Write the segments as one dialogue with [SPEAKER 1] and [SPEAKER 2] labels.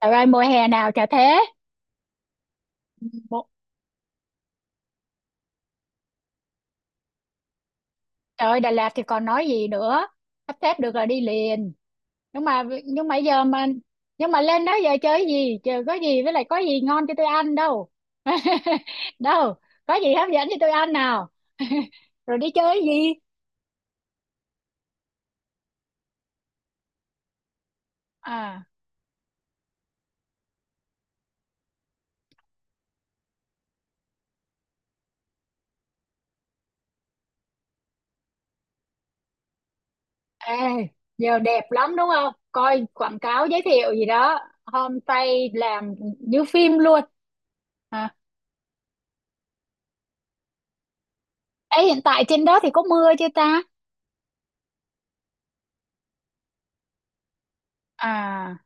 [SPEAKER 1] Trời ơi, mùa hè nào chả thế. Mộ- Trời ơi, Đà Lạt thì còn nói gì nữa. Sắp xếp được là đi liền. Nhưng mà nhưng mà giờ mà Nhưng mà lên đó giờ chơi gì? Chờ có gì, với lại có gì ngon cho tôi ăn đâu? Đâu, có gì hấp dẫn cho tôi ăn nào? Rồi đi chơi gì? À, ê, giờ đẹp lắm đúng không? Coi quảng cáo giới thiệu gì đó? Homestay làm như phim luôn. à, Ê, hiện tại trên đó thì có mưa chưa ta? À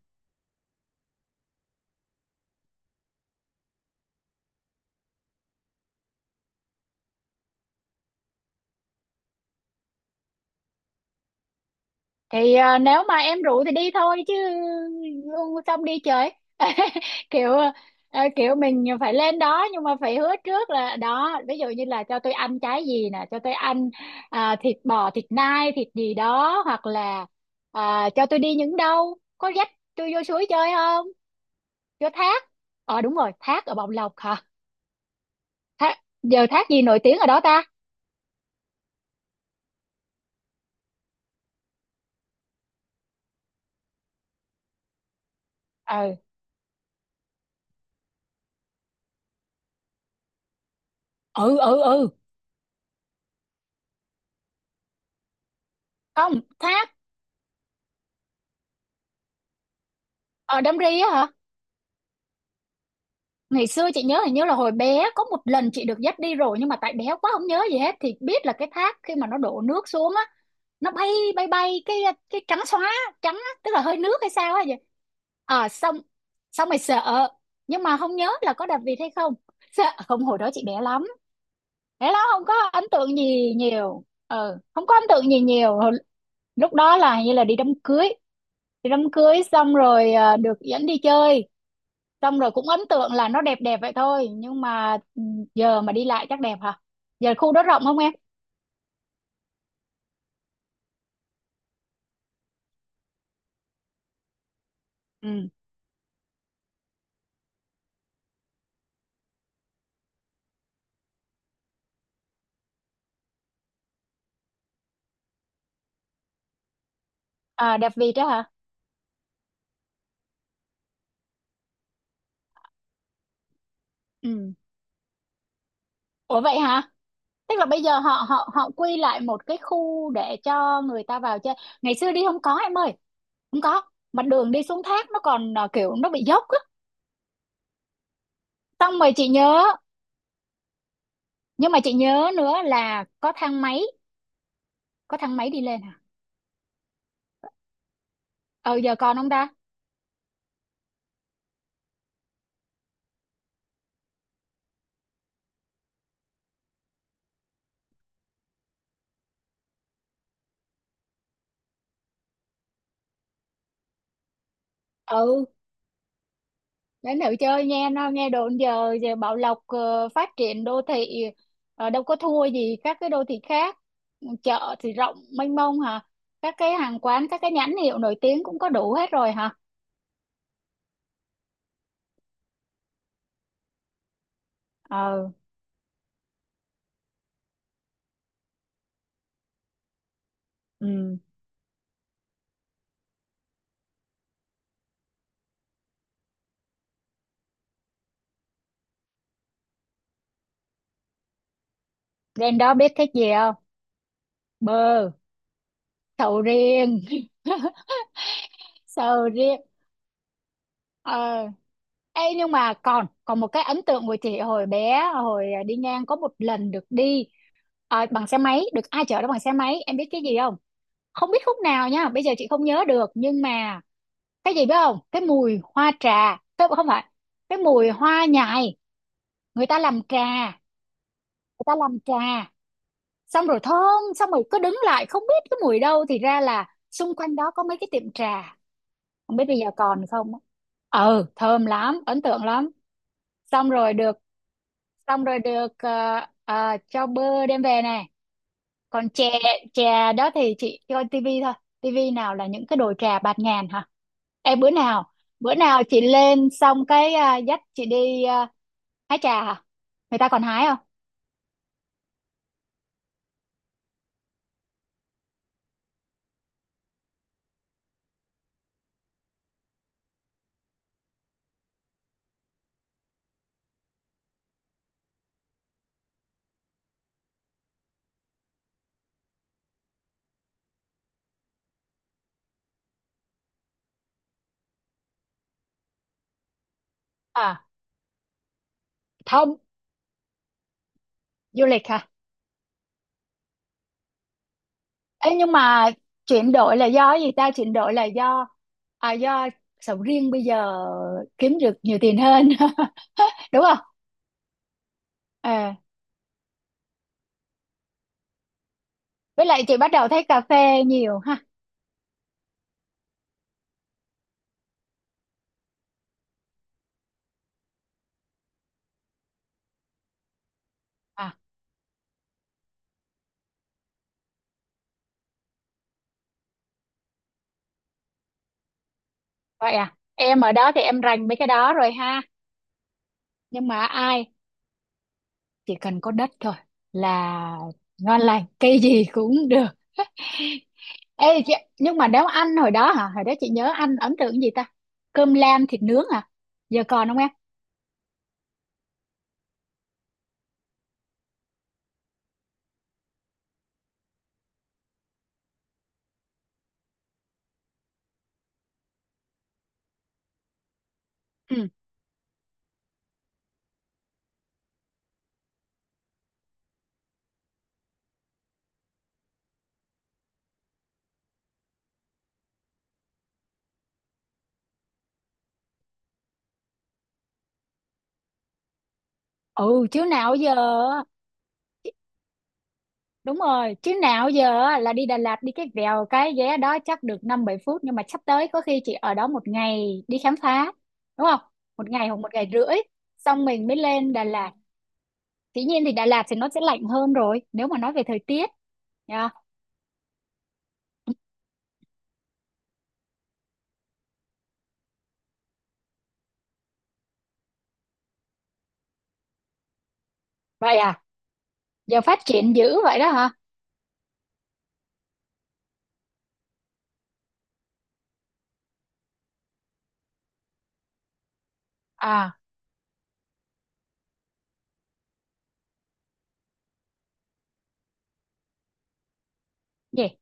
[SPEAKER 1] thì nếu mà em rủ thì đi thôi chứ, xong đi chơi kiểu kiểu mình phải lên đó, nhưng mà phải hứa trước là đó, ví dụ như là cho tôi ăn trái gì nè, cho tôi ăn thịt bò, thịt nai, thịt gì đó, hoặc là cho tôi đi những đâu, có dắt tôi vô suối chơi không? Vô thác, ờ đúng rồi, thác ở Bồng Lộc hả? Thác, giờ thác gì nổi tiếng ở đó ta? Ừ, ừ, ừ. Ừ, không, thác ở Đam Ri á hả? Ngày xưa chị nhớ hình như là hồi bé có một lần chị được dắt đi rồi, nhưng mà tại bé quá không nhớ gì hết, thì biết là cái thác khi mà nó đổ nước xuống á, nó bay bay bay, cái trắng xóa, trắng á, tức là hơi nước hay sao hay gì. À xong Xong rồi sợ, nhưng mà không nhớ là có đạp vịt hay không sợ không, hồi đó chị bé lắm, bé lắm, không có ấn tượng gì nhiều, ừ, không có ấn tượng gì nhiều. Lúc đó là hình như là đi đám cưới, đi đám cưới xong rồi được dẫn đi chơi, xong rồi cũng ấn tượng là nó đẹp đẹp vậy thôi, nhưng mà giờ mà đi lại chắc đẹp hả? Giờ khu đó rộng không em? Ừ, đẹp vịt đó hả? Ừ. Ủa vậy hả? Tức là bây giờ họ họ họ quy lại một cái khu để cho người ta vào chơi, ngày xưa đi không có em ơi, không có. Mà đường đi xuống thác nó còn kiểu nó bị dốc á, xong rồi chị nhớ, nhưng mà chị nhớ nữa là có thang máy, có thang máy đi lên hả? Ừ giờ còn không ta? Ừ. Đấy nữ chơi nghe, nó nghe đồn giờ giờ Bảo Lộc phát triển đô thị, đâu có thua gì các cái đô thị khác, chợ thì rộng mênh mông hả? Các cái hàng quán, các cái nhãn hiệu nổi tiếng cũng có đủ hết rồi hả? Ờ. Ừ. Lên đó biết thích gì không? Bơ, sầu riêng, sầu riêng. Ờ. Ê, nhưng mà còn còn một cái ấn tượng của chị hồi bé, hồi đi ngang có một lần được đi bằng xe máy, được ai chở đó bằng xe máy, em biết cái gì không? Không biết khúc nào nha, bây giờ chị không nhớ được, nhưng mà cái gì biết không? Cái mùi hoa trà, cái không phải, cái mùi hoa nhài, người ta làm trà, người ta làm trà xong rồi thơm, xong rồi cứ đứng lại không biết cái mùi đâu, thì ra là xung quanh đó có mấy cái tiệm trà. Không biết bây giờ còn không á. Ừ thơm lắm, ấn tượng lắm. Xong rồi được, xong rồi được cho bơ đem về nè. Còn chè, chè đó thì chị coi tivi thôi, tivi nào là những cái đồ trà bạt ngàn hả? Em bữa nào, bữa nào chị lên xong cái dắt chị đi hái trà hả? Người ta còn hái không? À không, du lịch hả? Ê, nhưng mà chuyển đổi là do cái gì ta? Chuyển đổi là do à, do sầu riêng bây giờ kiếm được nhiều tiền hơn, đúng không? Ờ. Với lại chị bắt đầu thấy cà phê nhiều ha? À vậy à, em ở đó thì em rành mấy cái đó rồi ha? Nhưng mà ai chỉ cần có đất thôi là ngon lành, cây gì cũng được. Ê chị, nhưng mà nếu ăn hồi đó hả, hồi đó chị nhớ ăn ấn tượng cái gì ta? Cơm lam thịt nướng à? Giờ còn không em? Ừ. Ừ chứ nào giờ, đúng rồi chứ nào giờ á, là đi Đà Lạt đi cái vèo cái vé đó chắc được 5 7 phút, nhưng mà sắp tới có khi chị ở đó một ngày đi khám phá, đúng không? Một ngày hoặc một ngày rưỡi, xong mình mới lên Đà Lạt. Dĩ nhiên thì Đà Lạt thì nó sẽ lạnh hơn rồi nếu mà nói về thời tiết nha. Vậy à, giờ phát triển dữ vậy đó hả? À. Gì?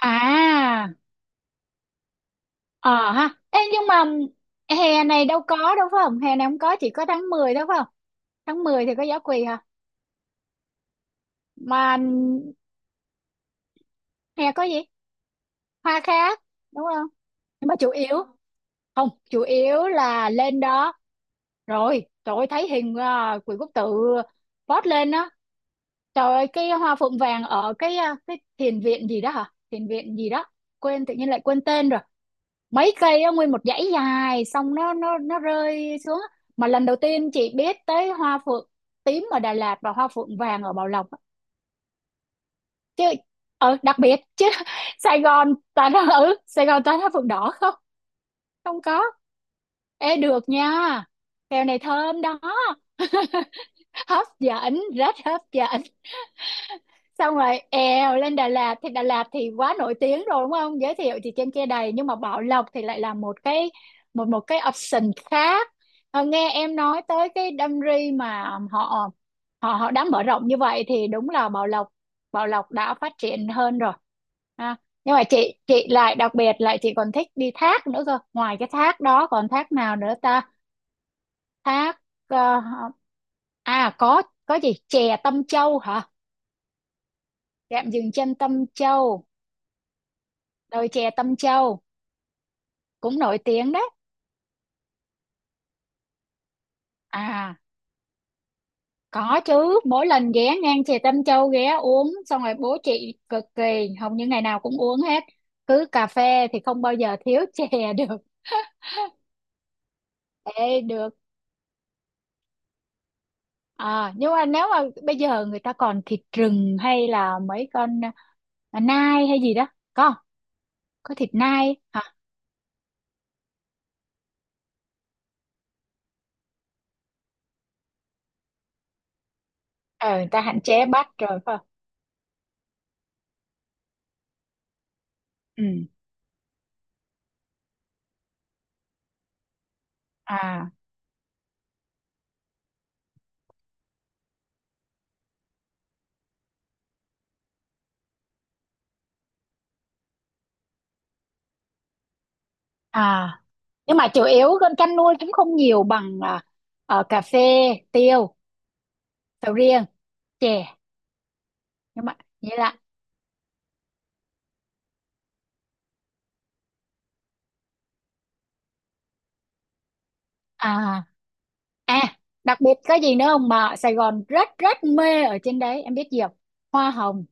[SPEAKER 1] À ờ ha. Ê, nhưng mà hè này đâu có, đâu phải không, hè này không có, chỉ có tháng 10, đâu phải không? tháng 10 thì có giáo quỳ hả? Mà hè có gì hoa khác, đúng không? Nhưng mà chủ yếu không, chủ yếu là lên đó rồi trời ơi thấy hình, Quỷ Quốc Tự post lên á, trời ơi cái hoa phượng vàng ở cái cái thiền viện gì đó hả, thiền viện gì đó quên, tự nhiên lại quên tên rồi, mấy cây á, nguyên một dãy dài xong nó rơi xuống á. Mà lần đầu tiên chị biết tới hoa phượng tím ở Đà Lạt và hoa phượng vàng ở Bảo Lộc á. Chứ ờ đặc biệt chứ. Sài Gòn toàn là, ừ Sài Gòn toàn là phượng đỏ không, không có. Ê được nha, kèo này thơm đó, hấp dẫn, rất hấp dẫn. Xong rồi èo lên Đà Lạt thì quá nổi tiếng rồi đúng không, giới thiệu thì trên kia đầy, nhưng mà Bảo Lộc thì lại là một cái, một một cái option khác. Ờ, nghe em nói tới cái Đam Ri mà họ họ họ đã mở rộng như vậy thì đúng là Bảo Lộc, Bảo Lộc đã phát triển hơn rồi ha. Nhưng mà chị lại đặc biệt, lại chị còn thích đi thác nữa cơ, ngoài cái thác đó còn thác nào nữa ta? Thác ờ, có gì chè Tâm Châu hả? Trạm dừng chân Tâm Châu, đồi chè Tâm Châu cũng nổi tiếng đấy. À có chứ, mỗi lần ghé ngang chè Tâm Châu ghé uống xong rồi bố chị cực kỳ, hầu như ngày nào cũng uống hết, cứ cà phê thì không bao giờ thiếu chè được. Ê, được nhưng mà nếu mà bây giờ người ta còn thịt rừng hay là mấy con nai hay gì đó, có không? Có thịt nai hả? Ờ người ta hạn chế bắt rồi phải không? Ừ. À. À nhưng mà chủ yếu con canh nuôi cũng không nhiều bằng cà phê, tiêu, sầu riêng, chè. Nhưng mà vậy là, à à đặc biệt có gì nữa không mà ở Sài Gòn rất rất mê ở trên đấy em biết gì không? Hoa hồng.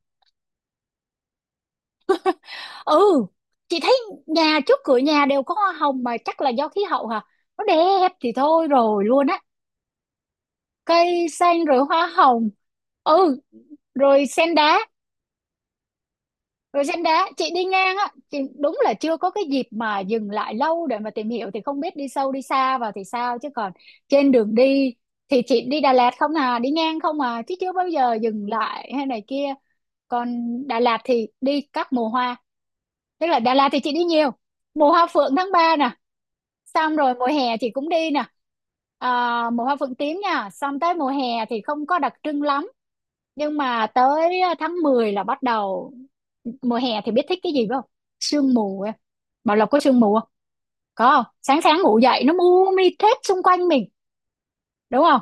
[SPEAKER 1] Ừ chị thấy nhà, trước cửa nhà đều có hoa hồng, mà chắc là do khí hậu hả, nó đẹp thì thôi rồi luôn á. Cây xanh rồi hoa hồng. Ừ. Rồi sen đá, rồi trên đá chị đi ngang á, chị đúng là chưa có cái dịp mà dừng lại lâu để mà tìm hiểu, thì không biết đi sâu đi xa vào thì sao, chứ còn trên đường đi thì chị đi Đà Lạt không à, đi ngang không à, chứ chưa bao giờ dừng lại hay này kia. Còn Đà Lạt thì đi các mùa hoa, tức là Đà Lạt thì chị đi nhiều. Mùa hoa phượng tháng 3 nè, xong rồi mùa hè chị cũng đi nè, mùa hoa phượng tím nha, xong tới mùa hè thì không có đặc trưng lắm. Nhưng mà tới tháng 10 là bắt đầu. Mùa hè thì biết thích cái gì phải không? Sương mù em. Bảo Lộc có sương mù không? Có không, sáng sáng ngủ dậy nó mù mịt hết xung quanh mình, đúng không?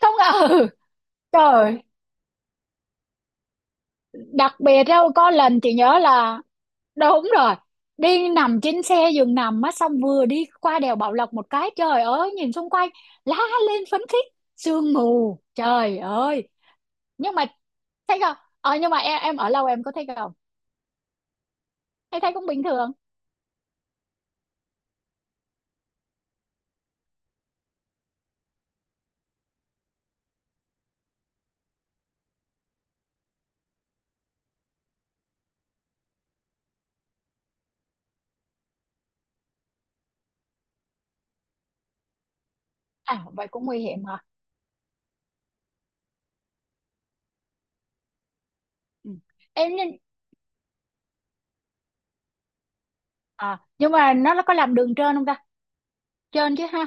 [SPEAKER 1] Không ngờ, trời, đặc biệt. Đâu có lần chị nhớ là đúng rồi, đi nằm trên xe giường nằm á, xong vừa đi qua đèo Bảo Lộc một cái trời ơi nhìn xung quanh la lên phấn khích, sương mù trời ơi. Nhưng mà thấy không, ờ nhưng mà em ở lâu em có thấy không? Thấy, thấy cũng bình thường. À vậy cũng nguy hiểm hả? Ừ. Em nên, à nhưng mà nó có làm đường trơn không ta? Trơn chứ ha?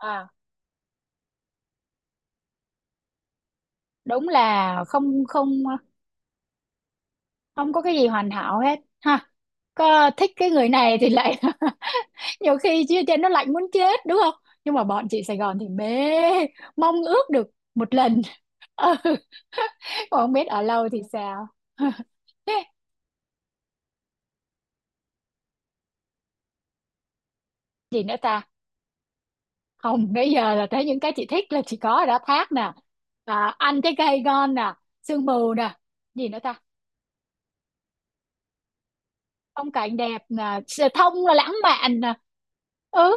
[SPEAKER 1] À đúng là không, không, không có cái gì hoàn hảo hết ha, có thích cái người này thì lại nhiều khi chia trên nó lạnh muốn chết đúng không? Nhưng mà bọn chị Sài Gòn thì mê, mong ước được một lần. Ừ. Còn không biết ở lâu thì sao. Gì nữa ta? Không, bây giờ là tới những cái chị thích là chị có đã thác nè, ăn trái cây ngon nè, sương mù nè, gì nữa ta? Phong cảnh đẹp nè, sự thông là lãng mạn nè. Ừ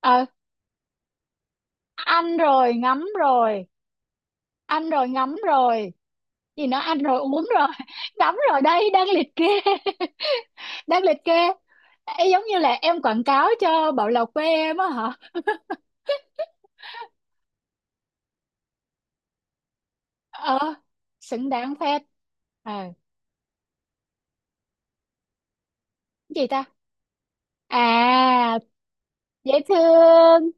[SPEAKER 1] ờ, ăn rồi ngắm rồi, ăn rồi ngắm rồi, gì nó ăn rồi uống rồi ngắm rồi đây, đang liệt kê. Đang liệt kê. Ê, giống như là em quảng cáo cho Bảo Lộc quê em á hả? Ờ xứng đáng phết. Ờ cái gì ta? À dễ thương,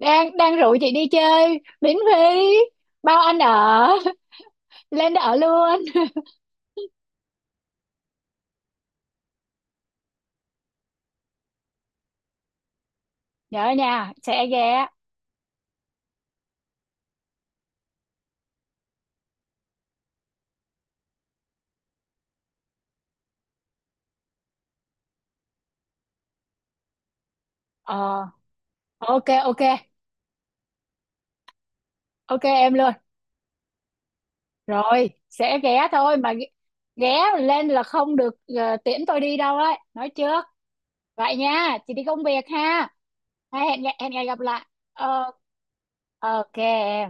[SPEAKER 1] đang đang rủ chị đi chơi miễn phí, bao ăn ở, lên đó ở luôn. Nhớ nha, sẽ ghé. Ờ ok, ok. Ok em luôn. Rồi sẽ ghé thôi mà ghé, ghé lên là không được tiễn tôi đi đâu đấy nói trước. Vậy nha chị đi công việc ha. Hay hẹn ngày gặp lại. Ờ ok em